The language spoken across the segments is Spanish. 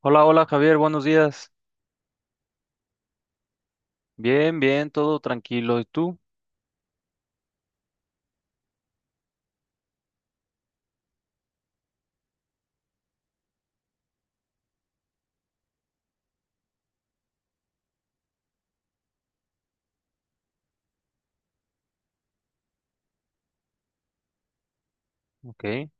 Hola, hola Javier, buenos días. Bien, bien, todo tranquilo. ¿Y tú? Ok.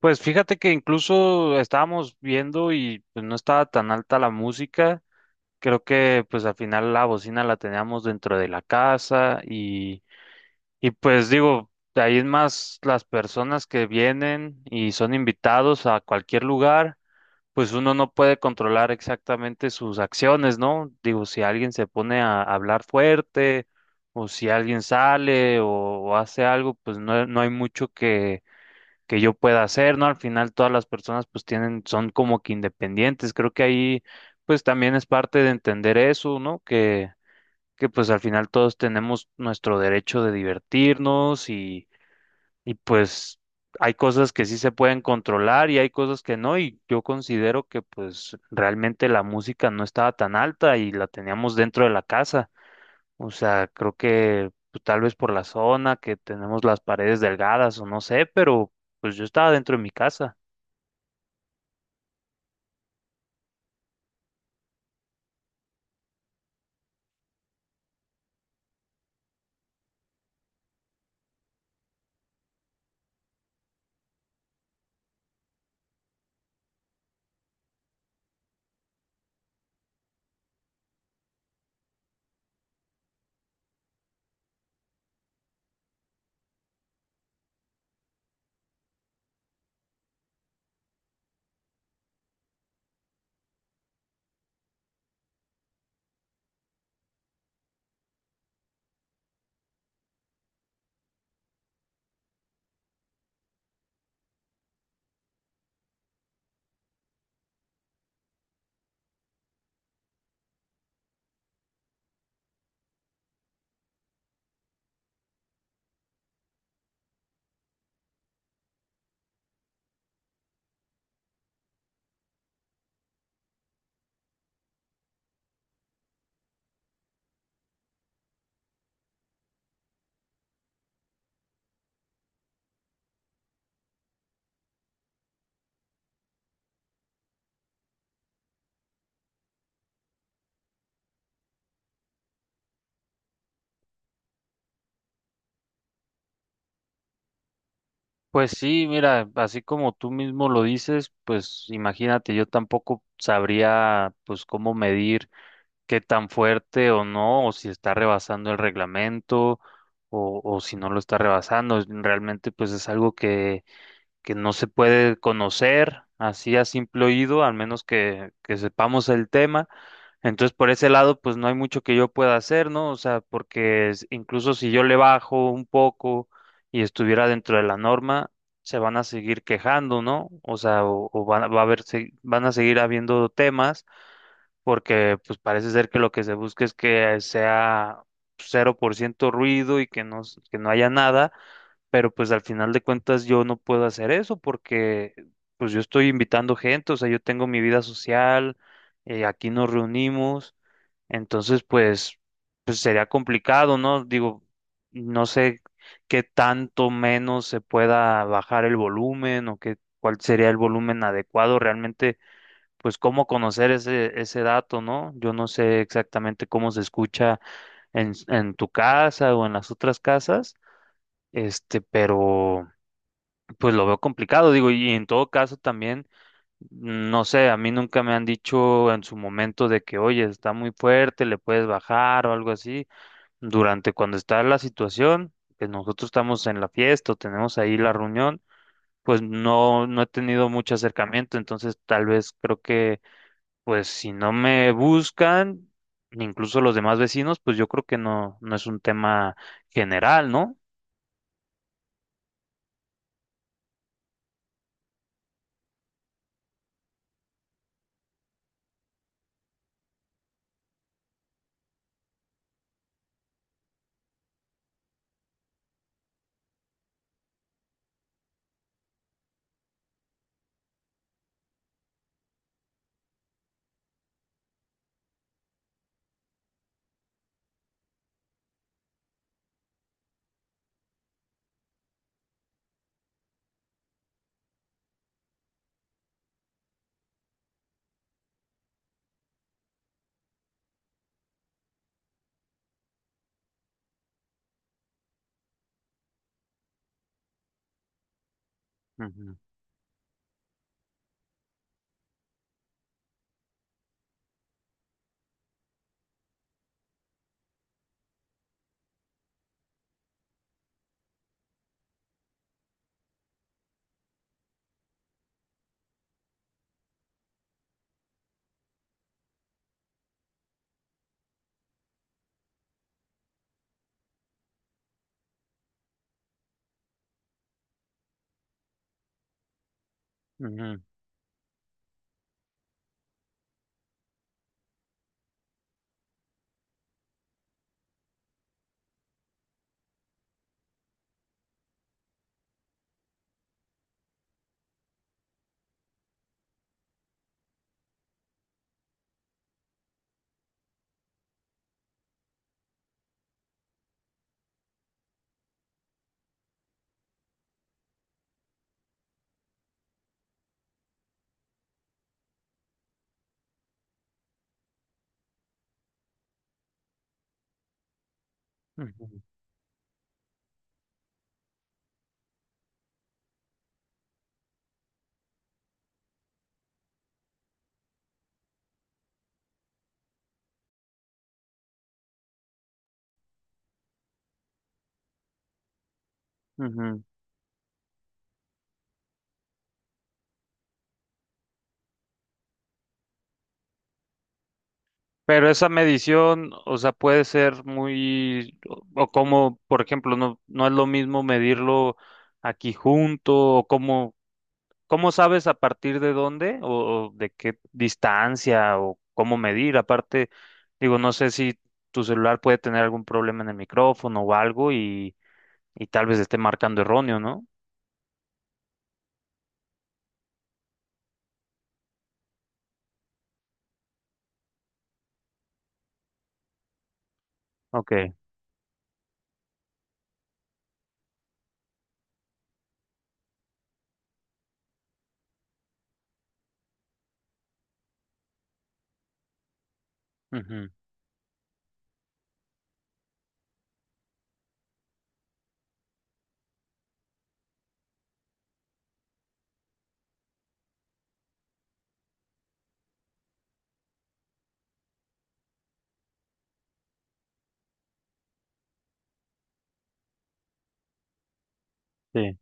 Pues fíjate que incluso estábamos viendo y pues, no estaba tan alta la música. Creo que pues al final la bocina la teníamos dentro de la casa y pues digo, de ahí es más las personas que vienen y son invitados a cualquier lugar. Pues uno no puede controlar exactamente sus acciones, ¿no? Digo, si alguien se pone a hablar fuerte o si alguien sale o hace algo, pues no, no hay mucho que yo pueda hacer, ¿no? Al final todas las personas pues tienen, son como que independientes. Creo que ahí pues también es parte de entender eso, ¿no? Que pues al final todos tenemos nuestro derecho de divertirnos y pues hay cosas que sí se pueden controlar y hay cosas que no, y yo considero que pues realmente la música no estaba tan alta y la teníamos dentro de la casa. O sea, creo que pues, tal vez por la zona que tenemos las paredes delgadas o no sé, pero pues yo estaba dentro de mi casa. Pues sí, mira, así como tú mismo lo dices, pues imagínate, yo tampoco sabría pues cómo medir qué tan fuerte o no, o si está rebasando el reglamento o si no lo está rebasando. Realmente pues es algo que no se puede conocer así a simple oído, al menos que sepamos el tema. Entonces por ese lado pues no hay mucho que yo pueda hacer, ¿no? O sea, porque incluso si yo le bajo un poco y estuviera dentro de la norma, se van a seguir quejando, ¿no? O sea, o van, va a haber, van a seguir habiendo temas porque pues parece ser que lo que se busca es que sea cero por ciento ruido y que no, que no haya nada, pero pues al final de cuentas yo no puedo hacer eso porque pues yo estoy invitando gente, o sea, yo tengo mi vida social, aquí nos reunimos, entonces pues, pues sería complicado, ¿no? Digo, no sé qué tanto menos se pueda bajar el volumen o qué, cuál sería el volumen adecuado realmente pues cómo conocer ese, ese dato, ¿no? Yo no sé exactamente cómo se escucha en, en tu casa o en las otras casas, este, pero pues lo veo complicado, digo, y en todo caso también, no sé, a mí nunca me han dicho en su momento de que, oye, está muy fuerte, le puedes bajar o algo así, durante cuando está la situación, que nosotros estamos en la fiesta o tenemos ahí la reunión. Pues no, no he tenido mucho acercamiento, entonces tal vez creo que pues si no me buscan, ni incluso los demás vecinos, pues yo creo que no, no es un tema general, ¿no? Ujú, ujú, ujú, ujú. Pero esa medición, o sea, puede ser muy, o como, por ejemplo, no, no es lo mismo medirlo aquí junto, o cómo, cómo sabes a partir de dónde, o de qué distancia, o cómo medir. Aparte, digo, no sé si tu celular puede tener algún problema en el micrófono o algo y tal vez esté marcando erróneo, ¿no? Ok. Ujú. Sí,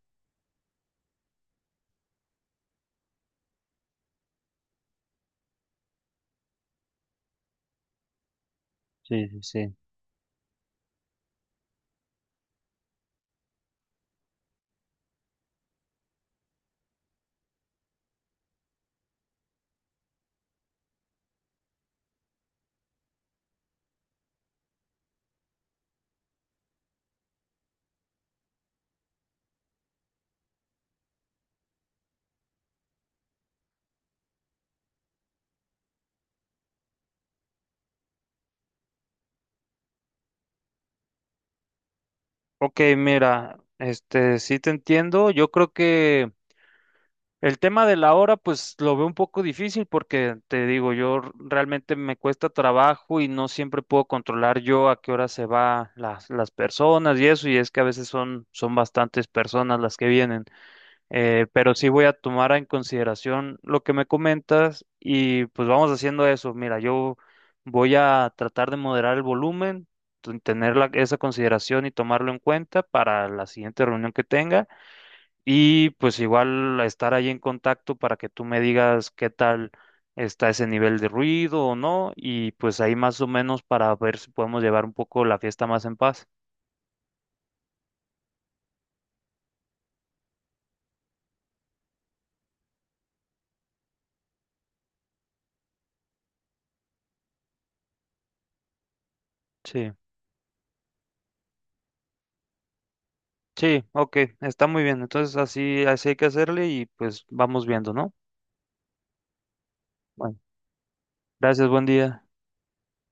sí, sí, sí. Ok, mira, este, sí te entiendo. Yo creo que el tema de la hora, pues lo veo un poco difícil porque te digo, yo realmente me cuesta trabajo y no siempre puedo controlar yo a qué hora se va las personas y eso, y es que a veces son, son bastantes personas las que vienen. Pero sí voy a tomar en consideración lo que me comentas y pues vamos haciendo eso. Mira, yo voy a tratar de moderar el volumen, tener esa consideración y tomarlo en cuenta para la siguiente reunión que tenga y pues igual estar ahí en contacto para que tú me digas qué tal está ese nivel de ruido o no y pues ahí más o menos para ver si podemos llevar un poco la fiesta más en paz. Sí. Sí, ok, está muy bien. Entonces así, así hay que hacerle y pues vamos viendo, ¿no? Bueno, gracias, buen día.